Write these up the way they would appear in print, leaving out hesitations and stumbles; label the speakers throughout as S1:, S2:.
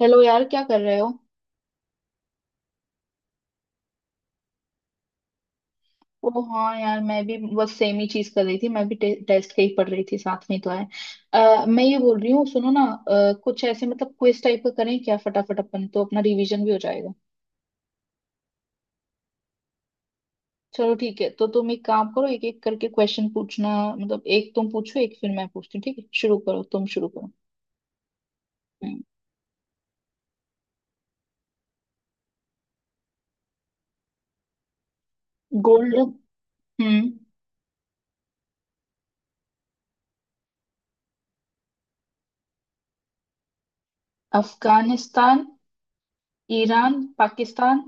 S1: Hello यार, क्या कर रहे हो। ओ हाँ यार, मैं भी बस सेम ही चीज कर रही थी, मैं भी टेस्ट के ही पढ़ रही थी, साथ में ही तो है। मैं ये बोल रही हूँ, सुनो ना, कुछ ऐसे मतलब क्विज टाइप का करें क्या, फटाफट अपन तो अपना रिवीजन भी हो जाएगा। चलो ठीक है, तो तुम एक काम करो, एक एक करके क्वेश्चन पूछना, मतलब एक तुम पूछो एक फिर मैं पूछती हूँ, ठीक है, शुरू करो, तुम शुरू करो। गोल्ड हम्म Gold- हम्म, Afghanistan Iran Pakistan.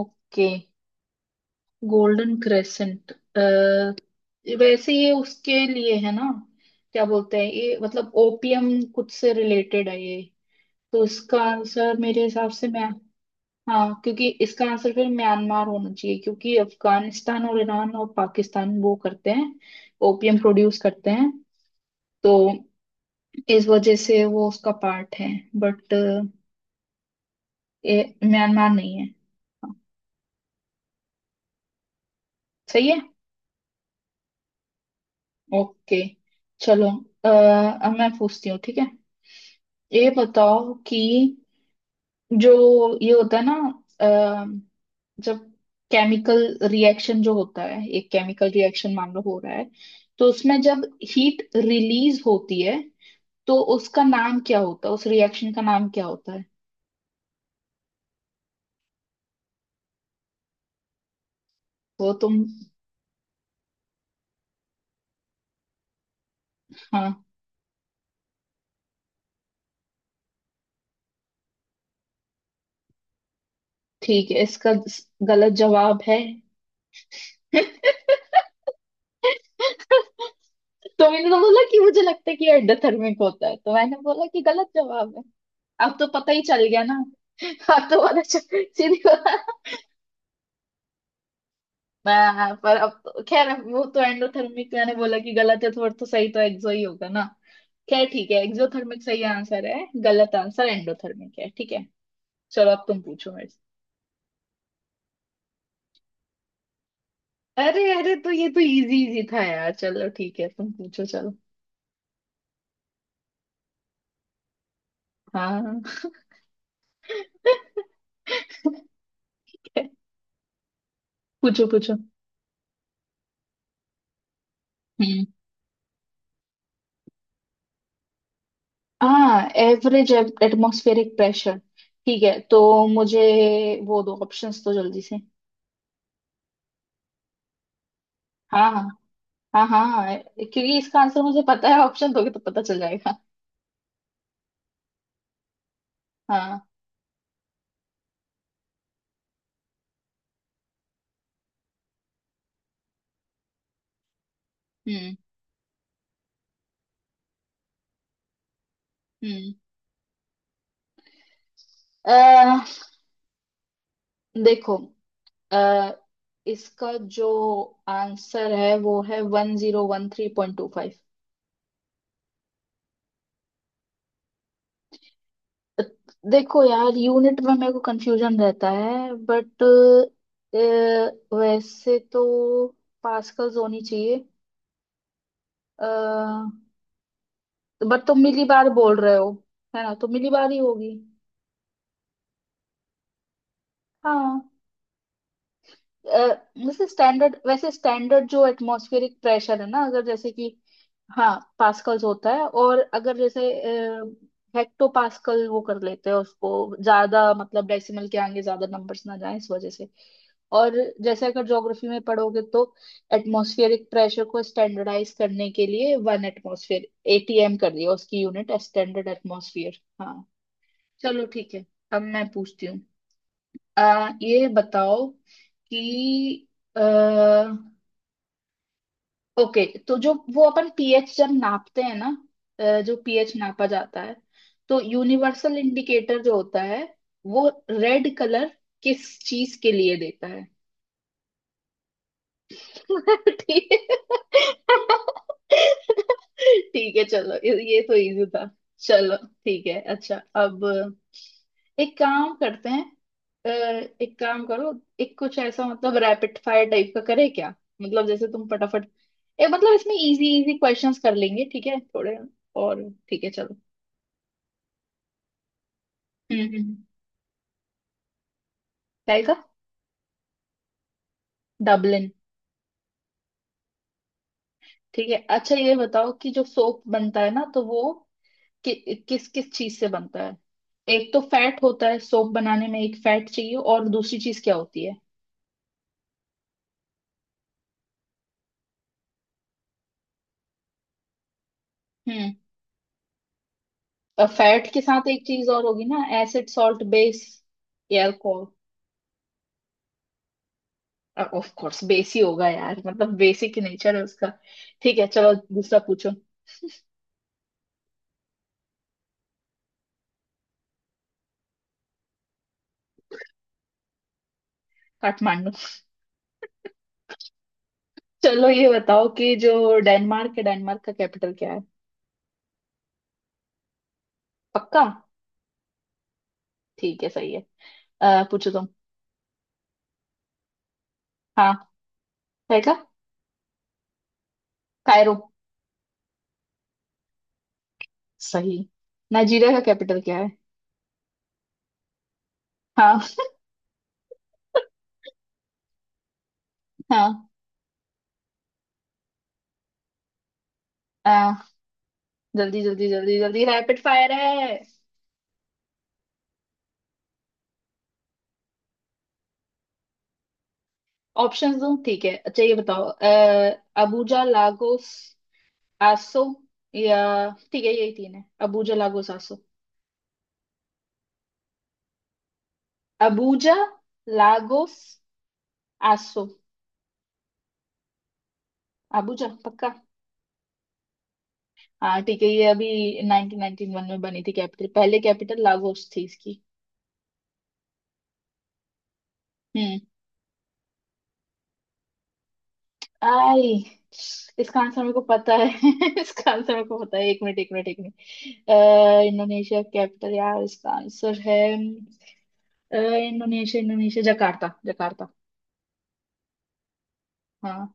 S1: Okay. Golden crescent. वैसे ये उसके लिए है ना, क्या बोलते हैं ये, मतलब ओपियम कुछ से रिलेटेड है ये, तो इसका आंसर मेरे हिसाब से मैं... हाँ, क्योंकि इसका आंसर फिर म्यांमार होना चाहिए, क्योंकि अफगानिस्तान और ईरान और पाकिस्तान वो करते हैं, ओपियम प्रोड्यूस करते हैं, तो इस वजह से वो उसका पार्ट है, बट ये म्यांमार नहीं है। हाँ, सही है। ओके चलो, अ, अब मैं पूछती हूँ, ठीक है। ये बताओ कि जो ये होता है ना, अ, जब केमिकल रिएक्शन जो होता है, एक केमिकल रिएक्शन मान लो हो रहा है, तो उसमें जब हीट रिलीज होती है, तो उसका नाम क्या होता है, उस रिएक्शन का नाम क्या होता है। वो तुम... हाँ, ठीक है इसका गलत जवाब है तो मैंने तो बोला कि मुझे लगता है कि एंडोथर्मिक होता है, तो मैंने बोला कि गलत जवाब है, अब तो पता ही चल गया ना अब तो पता चल, सीधी बात। मैं पर अब तो खैर वो तो एंडोथर्मिक मैंने बोला कि गलत है, तो और तो सही तो एक्सो ही होगा ना। खैर ठीक है, एक्सोथर्मिक सही आंसर है, गलत आंसर एंडोथर्मिक है, ठीक है। चलो अब तुम पूछो मेरे से। अरे अरे, तो ये तो इजी इजी था यार, चलो ठीक है तुम पूछो चलो। हाँ पूछो पूछो। हम्म, हाँ एवरेज एटमॉस्फेरिक प्रेशर। ठीक है तो मुझे वो दो ऑप्शंस तो जल्दी से। हाँ हाँ। हाँ हाँ, क्योंकि इसका आंसर मुझे पता है, ऑप्शन दोगे तो पता चल जाएगा। हाँ। हम्म हम्म अह, देखो, अह, इसका जो आंसर है वो है one zero one three point two five. देखो यार यूनिट में मेरे को कंफ्यूजन रहता है, बट वैसे तो पास्कल्स होनी चाहिए। अह, बट तुम मिली बार बोल रहे हो है ना, तो मिली बार ही होगी। हाँ अ, वैसे स्टैंडर्ड जो एटमॉस्फेरिक प्रेशर है ना, अगर जैसे कि... हाँ पास्कल्स होता है, और अगर जैसे हेक्टो पास्कल वो कर लेते हैं उसको, ज्यादा मतलब डेसिमल के आगे ज्यादा नंबर्स ना जाए इस वजह से। और जैसे अगर ज्योग्राफी में पढ़ोगे, तो एटमॉस्फेरिक प्रेशर को स्टैंडर्डाइज करने के लिए वन एटमॉस्फेयर एटीएम कर दिया, उसकी यूनिट स्टैंडर्ड एटमॉस्फेयर, हाँ। चलो ठीक है, अब मैं पूछती हूँ। ये बताओ कि आ, ओके, तो जो वो अपन पीएच जब नापते हैं ना, जो पीएच नापा जाता है, तो यूनिवर्सल इंडिकेटर जो होता है, वो रेड कलर किस चीज के लिए देता है। ठीक है। ठीक है चलो, ये तो इजी था, चलो ठीक है अच्छा। अब एक काम करते हैं, अ, एक काम करो, एक कुछ ऐसा मतलब रैपिड फायर टाइप का करे क्या, मतलब जैसे तुम फटाफट, ए मतलब इसमें इजी इजी क्वेश्चंस कर लेंगे, ठीक है थोड़े। और ठीक है चलो। हम्म हम्म हम्म। क्या आएगा? डबलिन। ठीक है, अच्छा ये बताओ कि जो सोप बनता है ना, तो वो किस किस चीज से बनता है। एक तो फैट होता है, सोप बनाने में एक फैट चाहिए, और दूसरी चीज क्या होती है। हम्म, और फैट के साथ एक चीज और होगी ना, acid salt base alcohol. Of course base ही होगा यार, मतलब बेसिक नेचर है उसका। ठीक है चलो दूसरा पूछो। काठमांडू। चलो ये बताओ कि जो डेनमार्क है, डेनमार्क का कैपिटल क्या है। पक्का? ठीक है सही है। पूछो तुम। हाँ, है क्या। कायरो। सही। नाइजीरिया का कैपिटल क्या है। हाँ। हाँ जल्दी जल्दी जल्दी जल्दी रैपिड फायर है। ऑप्शंस दूं, ठीक है। अच्छा ये बताओ अबूजा लागोस आसो, या... ठीक है यही तीन है, Abuja Lagos Aso. Abuja Lagos Aso. Abuja पक्का। हाँ ठीक है, ये अभी 1991 में बनी थी कैपिटल, पहले कैपिटल लागोस थी इसकी। हम्म। आई, इसका आंसर मेरे को पता है इसका आंसर मेरे को पता है, एक मिनट एक मिनट एक मिनट, इंडोनेशिया कैपिटल यार, इसका आंसर है इंडोनेशिया, इंडोनेशिया जकार्ता, जकार्ता। हाँ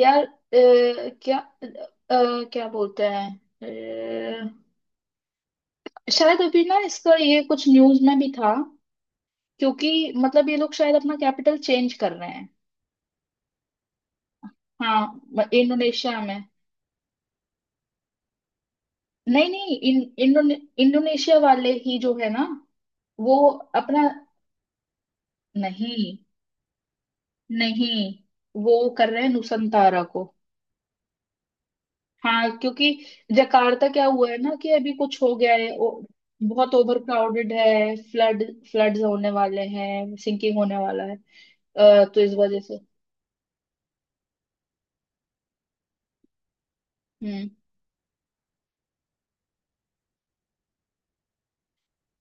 S1: यार, क्या क्या बोलते हैं, अ, शायद अभी ना इसका ये कुछ न्यूज में भी था, क्योंकि मतलब ये लोग शायद अपना कैपिटल चेंज कर रहे हैं। हाँ, इंडोनेशिया में। नहीं नहीं, इंडोनेशिया वाले ही जो है ना, वो अपना... नहीं, नहीं वो कर रहे हैं नुसंतारा को। हाँ क्योंकि जकार्ता, क्या हुआ है ना कि अभी कुछ हो गया है, बहुत ओवर क्राउडेड है, फ्लड फ्लड्स होने वाले हैं, सिंकिंग होने वाला है, तो इस वजह से... हम्म,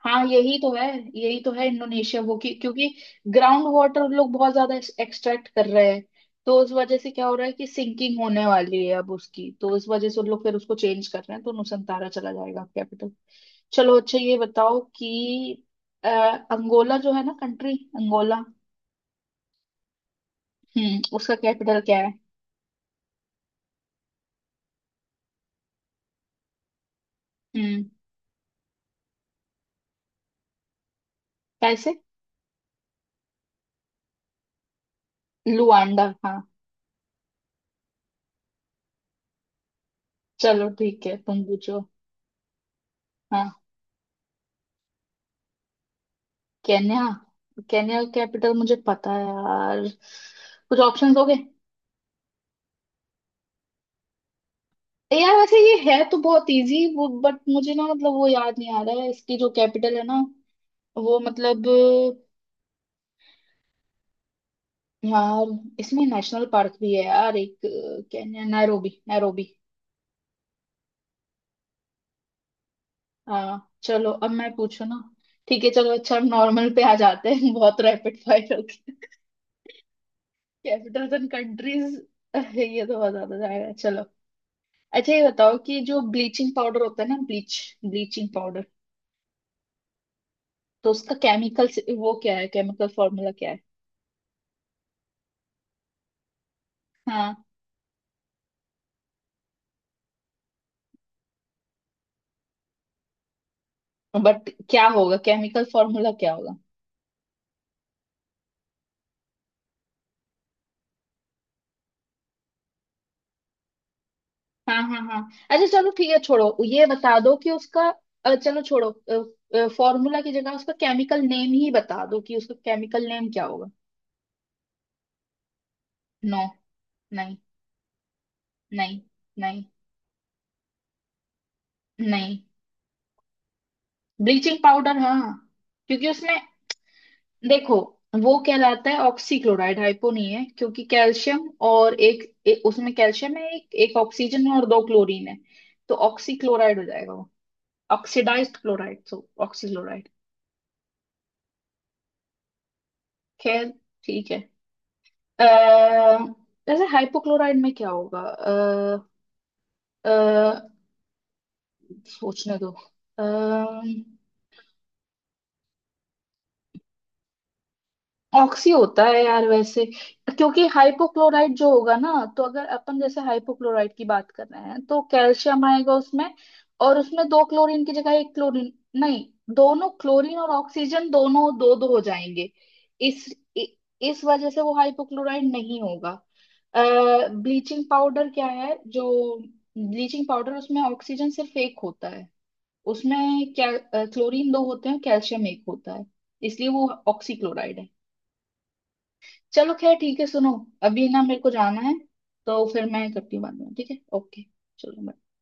S1: हाँ यही तो है, यही तो है इंडोनेशिया वो क्योंकि ग्राउंड वाटर लोग बहुत ज्यादा एक्सट्रैक्ट कर रहे हैं, तो उस वजह से क्या हो रहा है कि सिंकिंग होने वाली है अब उसकी, तो इस वजह से उन लोग फिर उसको चेंज कर रहे हैं, तो नुसंतारा चला जाएगा कैपिटल। चलो अच्छा ये बताओ कि अ, अंगोला जो है ना कंट्री, अंगोला हम्म, उसका कैपिटल क्या है। हम्म, कैसे... लुआंडा, हाँ। चलो ठीक है, तुम पूछो। हाँ। केन्या। केन्या कैपिटल मुझे पता है यार, कुछ ऑप्शंस हो गए। यार वैसे ये है तो बहुत इजी वो, बट मुझे ना मतलब वो याद नहीं आ रहा है इसकी जो कैपिटल है ना, वो मतलब... यार इसमें नेशनल पार्क भी है यार एक, केन्या नैरोबी, नैरोबी। हाँ चलो अब मैं पूछू ना। ठीक है चलो, अच्छा हम नॉर्मल पे आ जाते हैं बहुत रैपिड फायर हो गया, कैपिटल्स एंड कंट्रीज ये तो बहुत ज्यादा जाएगा, चलो। अच्छा ये बताओ कि जो ब्लीचिंग पाउडर होता है ना, ब्लीचिंग पाउडर, तो उसका केमिकल वो क्या है, केमिकल फॉर्मूला क्या है। हाँ बट क्या होगा, केमिकल फॉर्मूला क्या होगा। हाँ हाँ हाँ। अच्छा चलो ठीक है छोड़ो, ये बता दो कि उसका चलो छोड़ो, फॉर्मूला की जगह उसका केमिकल नेम ही बता दो, कि उसका केमिकल नेम क्या होगा। नो। नहीं। नहीं। नहीं। नहीं। ब्लीचिंग पाउडर, हाँ हाँ। क्योंकि उसमें देखो, वो कहलाता है ऑक्सीक्लोराइड, हाइपो नहीं है, क्योंकि कैल्शियम और एक उसमें कैल्शियम है, एक एक ऑक्सीजन है, और दो क्लोरीन है, तो ऑक्सीक्लोराइड हो जाएगा वो, ऑक्सीडाइज्ड क्लोराइड, सो ऑक्सीक्लोराइड। खैर ठीक है। अः जैसे हाइपोक्लोराइड में क्या होगा, अः सोचने दो। अः ऑक्सी होता है यार वैसे, क्योंकि हाइपोक्लोराइट जो होगा ना, तो अगर अपन जैसे हाइपोक्लोराइट की बात कर रहे हैं, तो कैल्शियम आएगा उसमें, और उसमें दो क्लोरीन की जगह एक क्लोरीन... नहीं, दोनों क्लोरीन और ऑक्सीजन दोनों दो दो हो जाएंगे। इस इ, इस वजह से वो हाइपोक्लोराइट नहीं होगा। ब्लीचिंग पाउडर क्या है जो, ब्लीचिंग पाउडर उसमें ऑक्सीजन सिर्फ एक होता है, उसमें क्या, क्लोरीन दो होते हैं, कैल्शियम एक होता है, इसलिए वो ऑक्सीक्लोराइड है। चलो खैर ठीक है सुनो, अभी ना मेरे को जाना है, तो फिर मैं करती हूँ बाद में, ठीक है ओके। चलो bye।